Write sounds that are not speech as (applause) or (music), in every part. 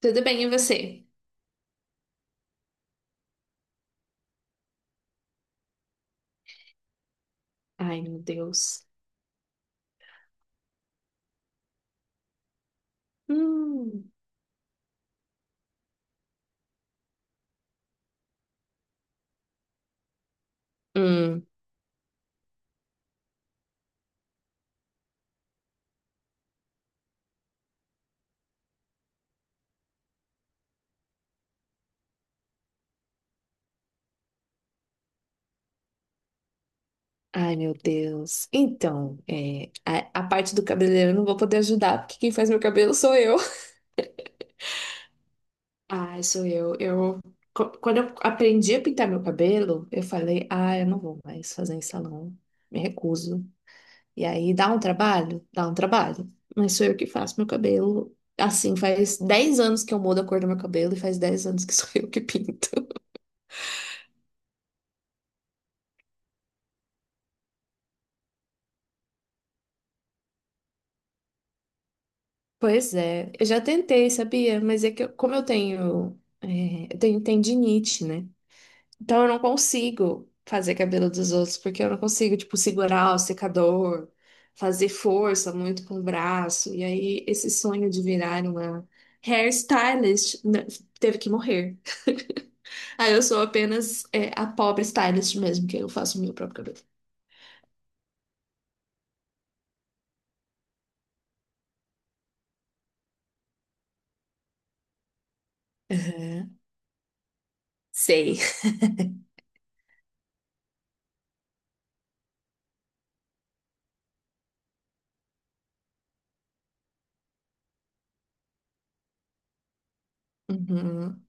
Tudo bem, e você? Ai, meu Deus. Hum, hum. Ai, meu Deus. Então, é, a parte do cabeleireiro eu não vou poder ajudar, porque quem faz meu cabelo sou eu. (laughs) Ai, sou eu. Quando eu aprendi a pintar meu cabelo, eu falei, ah, eu não vou mais fazer em salão, me recuso. E aí, dá um trabalho? Dá um trabalho. Mas sou eu que faço meu cabelo. Assim, faz 10 anos que eu mudo a cor do meu cabelo e faz 10 anos que sou (laughs) eu que pinto. Pois é, eu já tentei, sabia? Mas é que eu- como eu tenho, é, eu tenho tendinite, né? Então eu não consigo fazer cabelo dos outros, porque eu não consigo, tipo, segurar o secador, fazer força muito com o braço. E aí esse sonho de virar uma hairstylist, né, teve que morrer. Aí eu sou apenas, a pobre stylist mesmo, que eu faço o meu próprio cabelo. Aham. Sei. Uhum.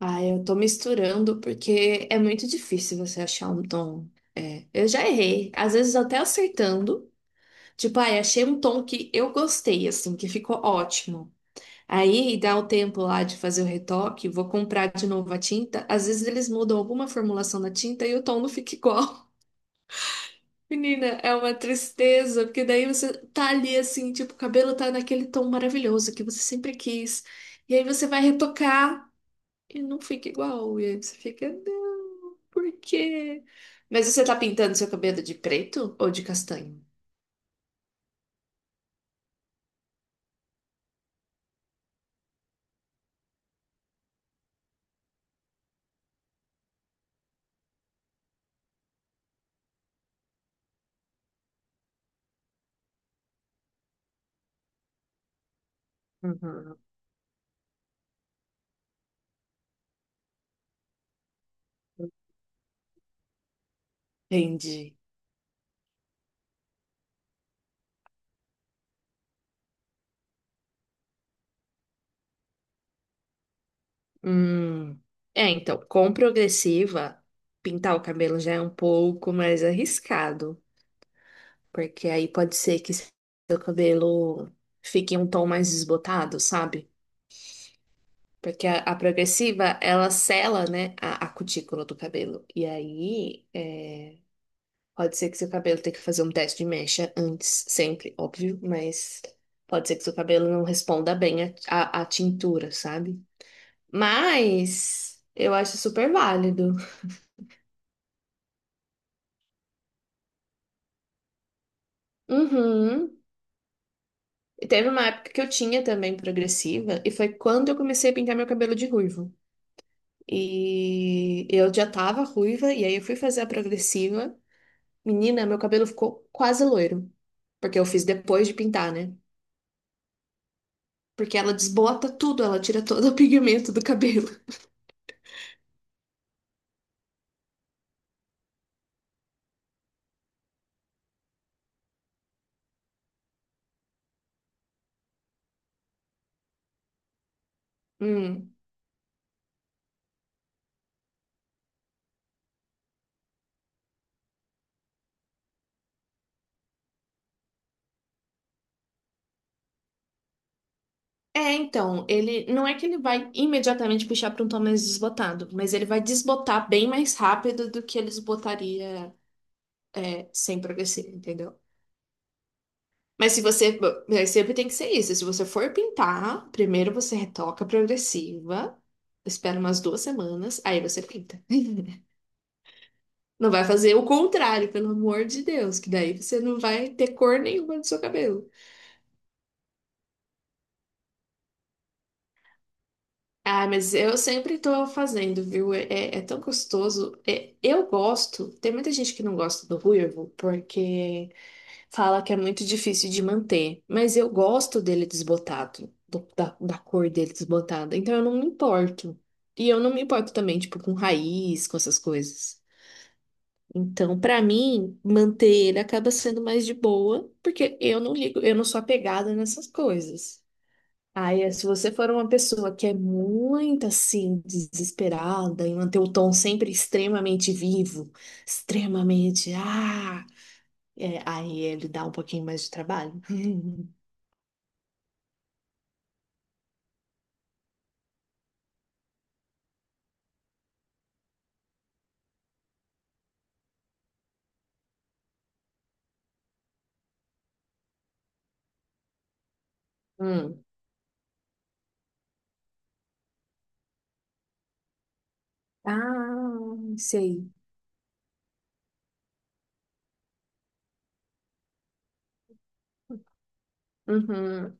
Ah, eu tô misturando porque é muito difícil você achar um tom. É, eu já errei, às vezes até acertando. Tipo, ai, achei um tom que eu gostei, assim, que ficou ótimo. Aí dá o tempo lá de fazer o retoque, vou comprar de novo a tinta. Às vezes eles mudam alguma formulação da tinta e o tom não fica igual. (laughs) Menina, é uma tristeza, porque daí você tá ali assim, tipo, o cabelo tá naquele tom maravilhoso que você sempre quis. E aí você vai retocar. E não fica igual. E aí você fica, não, por quê? Mas você tá pintando seu cabelo de preto ou de castanho? Uhum. Entendi. Hum. É, então, com progressiva, pintar o cabelo já é um pouco mais arriscado, porque aí pode ser que seu cabelo fique um tom mais desbotado, sabe? Porque a progressiva, ela sela, né, a cutícula do cabelo. E aí, é, pode ser que seu cabelo tenha que fazer um teste de mecha antes, sempre, óbvio, mas pode ser que seu cabelo não responda bem à tintura, sabe? Mas eu acho super válido. Uhum. E teve uma época que eu tinha também progressiva, e foi quando eu comecei a pintar meu cabelo de ruivo. E eu já tava ruiva, e aí eu fui fazer a progressiva. Menina, meu cabelo ficou quase loiro, porque eu fiz depois de pintar, né? Porque ela desbota tudo, ela tira todo o (laughs) pigmento do cabelo. Hum. É, então, ele não é que ele vai imediatamente puxar para um tom mais desbotado, mas ele vai desbotar bem mais rápido do que ele desbotaria é, sem progressir, entendeu? Mas se você, mas sempre tem que ser isso. Se você for pintar, primeiro você retoca a progressiva, espera umas 2 semanas, aí você pinta. (laughs) Não vai fazer o contrário, pelo amor de Deus, que daí você não vai ter cor nenhuma no seu cabelo. Ah, mas eu sempre tô fazendo, viu? É, é tão gostoso. É, eu gosto. Tem muita gente que não gosta do ruivo porque fala que é muito difícil de manter. Mas eu gosto dele desbotado, da cor dele desbotada. Então eu não me importo. E eu não me importo também, tipo, com raiz, com essas coisas. Então, pra mim, manter ele acaba sendo mais de boa, porque eu não ligo, eu não sou apegada nessas coisas. Aí, se você for uma pessoa que é muito assim, desesperada e manter o tom sempre extremamente vivo, extremamente, ah, é, aí ele dá um pouquinho mais de trabalho. (laughs) Hum. Ah, sei. Uhum.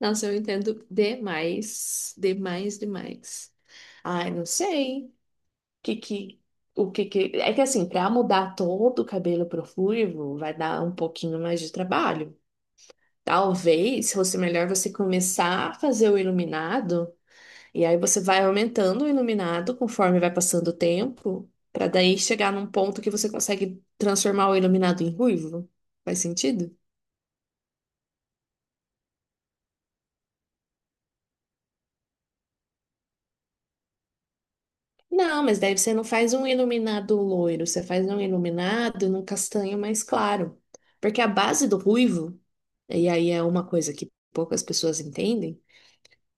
Nossa, eu entendo demais, demais, demais. Ai, não sei. Que, o que que... É que assim, para mudar todo o cabelo pro ruivo, vai dar um pouquinho mais de trabalho. Talvez fosse melhor você começar a fazer o iluminado, e aí você vai aumentando o iluminado conforme vai passando o tempo, para daí chegar num ponto que você consegue transformar o iluminado em ruivo. Faz sentido? Não, mas daí você não faz um iluminado loiro, você faz um iluminado num castanho mais claro. Porque a base do ruivo, e aí é uma coisa que poucas pessoas entendem,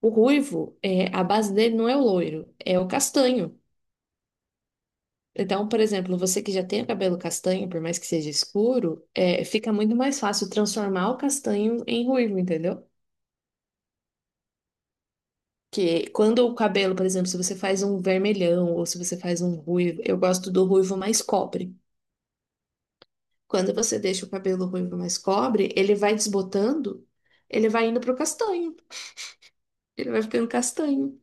o ruivo, é, a base dele não é o loiro, é o castanho. Então, por exemplo, você que já tem o cabelo castanho, por mais que seja escuro, é, fica muito mais fácil transformar o castanho em ruivo, entendeu? Que quando o cabelo, por exemplo, se você faz um vermelhão ou se você faz um ruivo, eu gosto do ruivo mais cobre. Quando você deixa o cabelo ruivo mais cobre, ele vai desbotando, ele vai indo pro castanho, ele vai ficando castanho.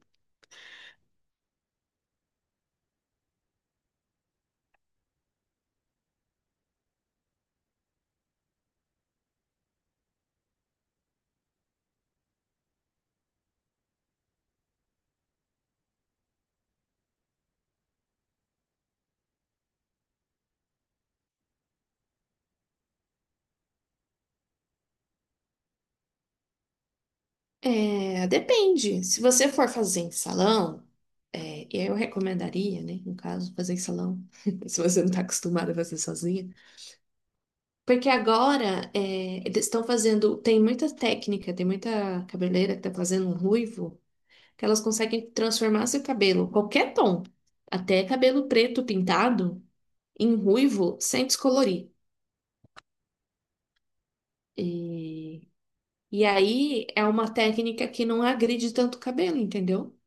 É, depende. Se você for fazer em salão, é, eu recomendaria, né, no caso, fazer em salão, (laughs) se você não está acostumada a fazer sozinha. Porque agora é, eles estão fazendo. Tem muita técnica, tem muita cabeleireira que tá fazendo um ruivo, que elas conseguem transformar seu cabelo, qualquer tom, até cabelo preto pintado, em ruivo sem descolorir. E, e aí é uma técnica que não agride tanto o cabelo, entendeu?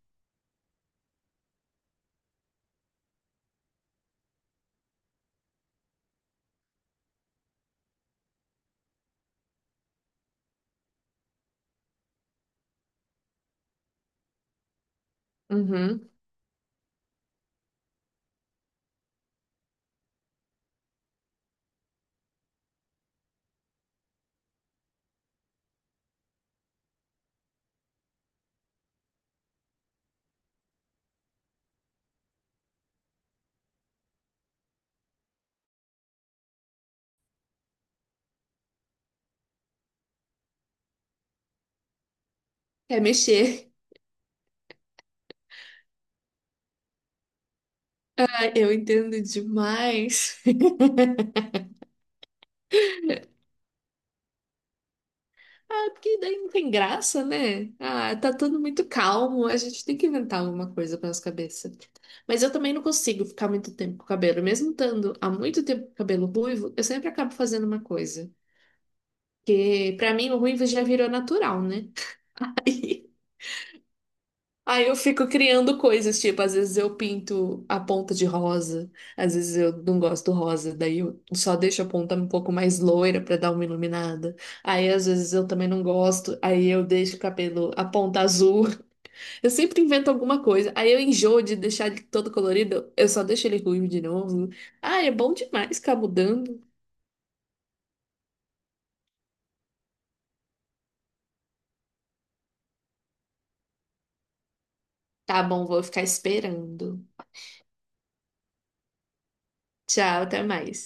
Uhum. É mexer. (laughs) Ah, eu entendo demais. (laughs) Ah, é porque daí não tem graça, né? Ah, tá tudo muito calmo, a gente tem que inventar alguma coisa para nossa cabeça. Mas eu também não consigo ficar muito tempo com o cabelo, mesmo estando há muito tempo com o cabelo ruivo, eu sempre acabo fazendo uma coisa. Porque pra mim o ruivo já virou natural, né? (laughs) Aí eu fico criando coisas, tipo, às vezes eu pinto a ponta de rosa, às vezes eu não gosto do rosa, daí eu só deixo a ponta um pouco mais loira pra dar uma iluminada. Aí às vezes eu também não gosto, aí eu deixo o cabelo a ponta azul. (laughs) Eu sempre invento alguma coisa. Aí eu enjoo de deixar ele todo colorido, eu só deixo ele ruivo de novo. Ah, é bom demais ficar mudando. Tá bom, vou ficar esperando. Tchau, até mais.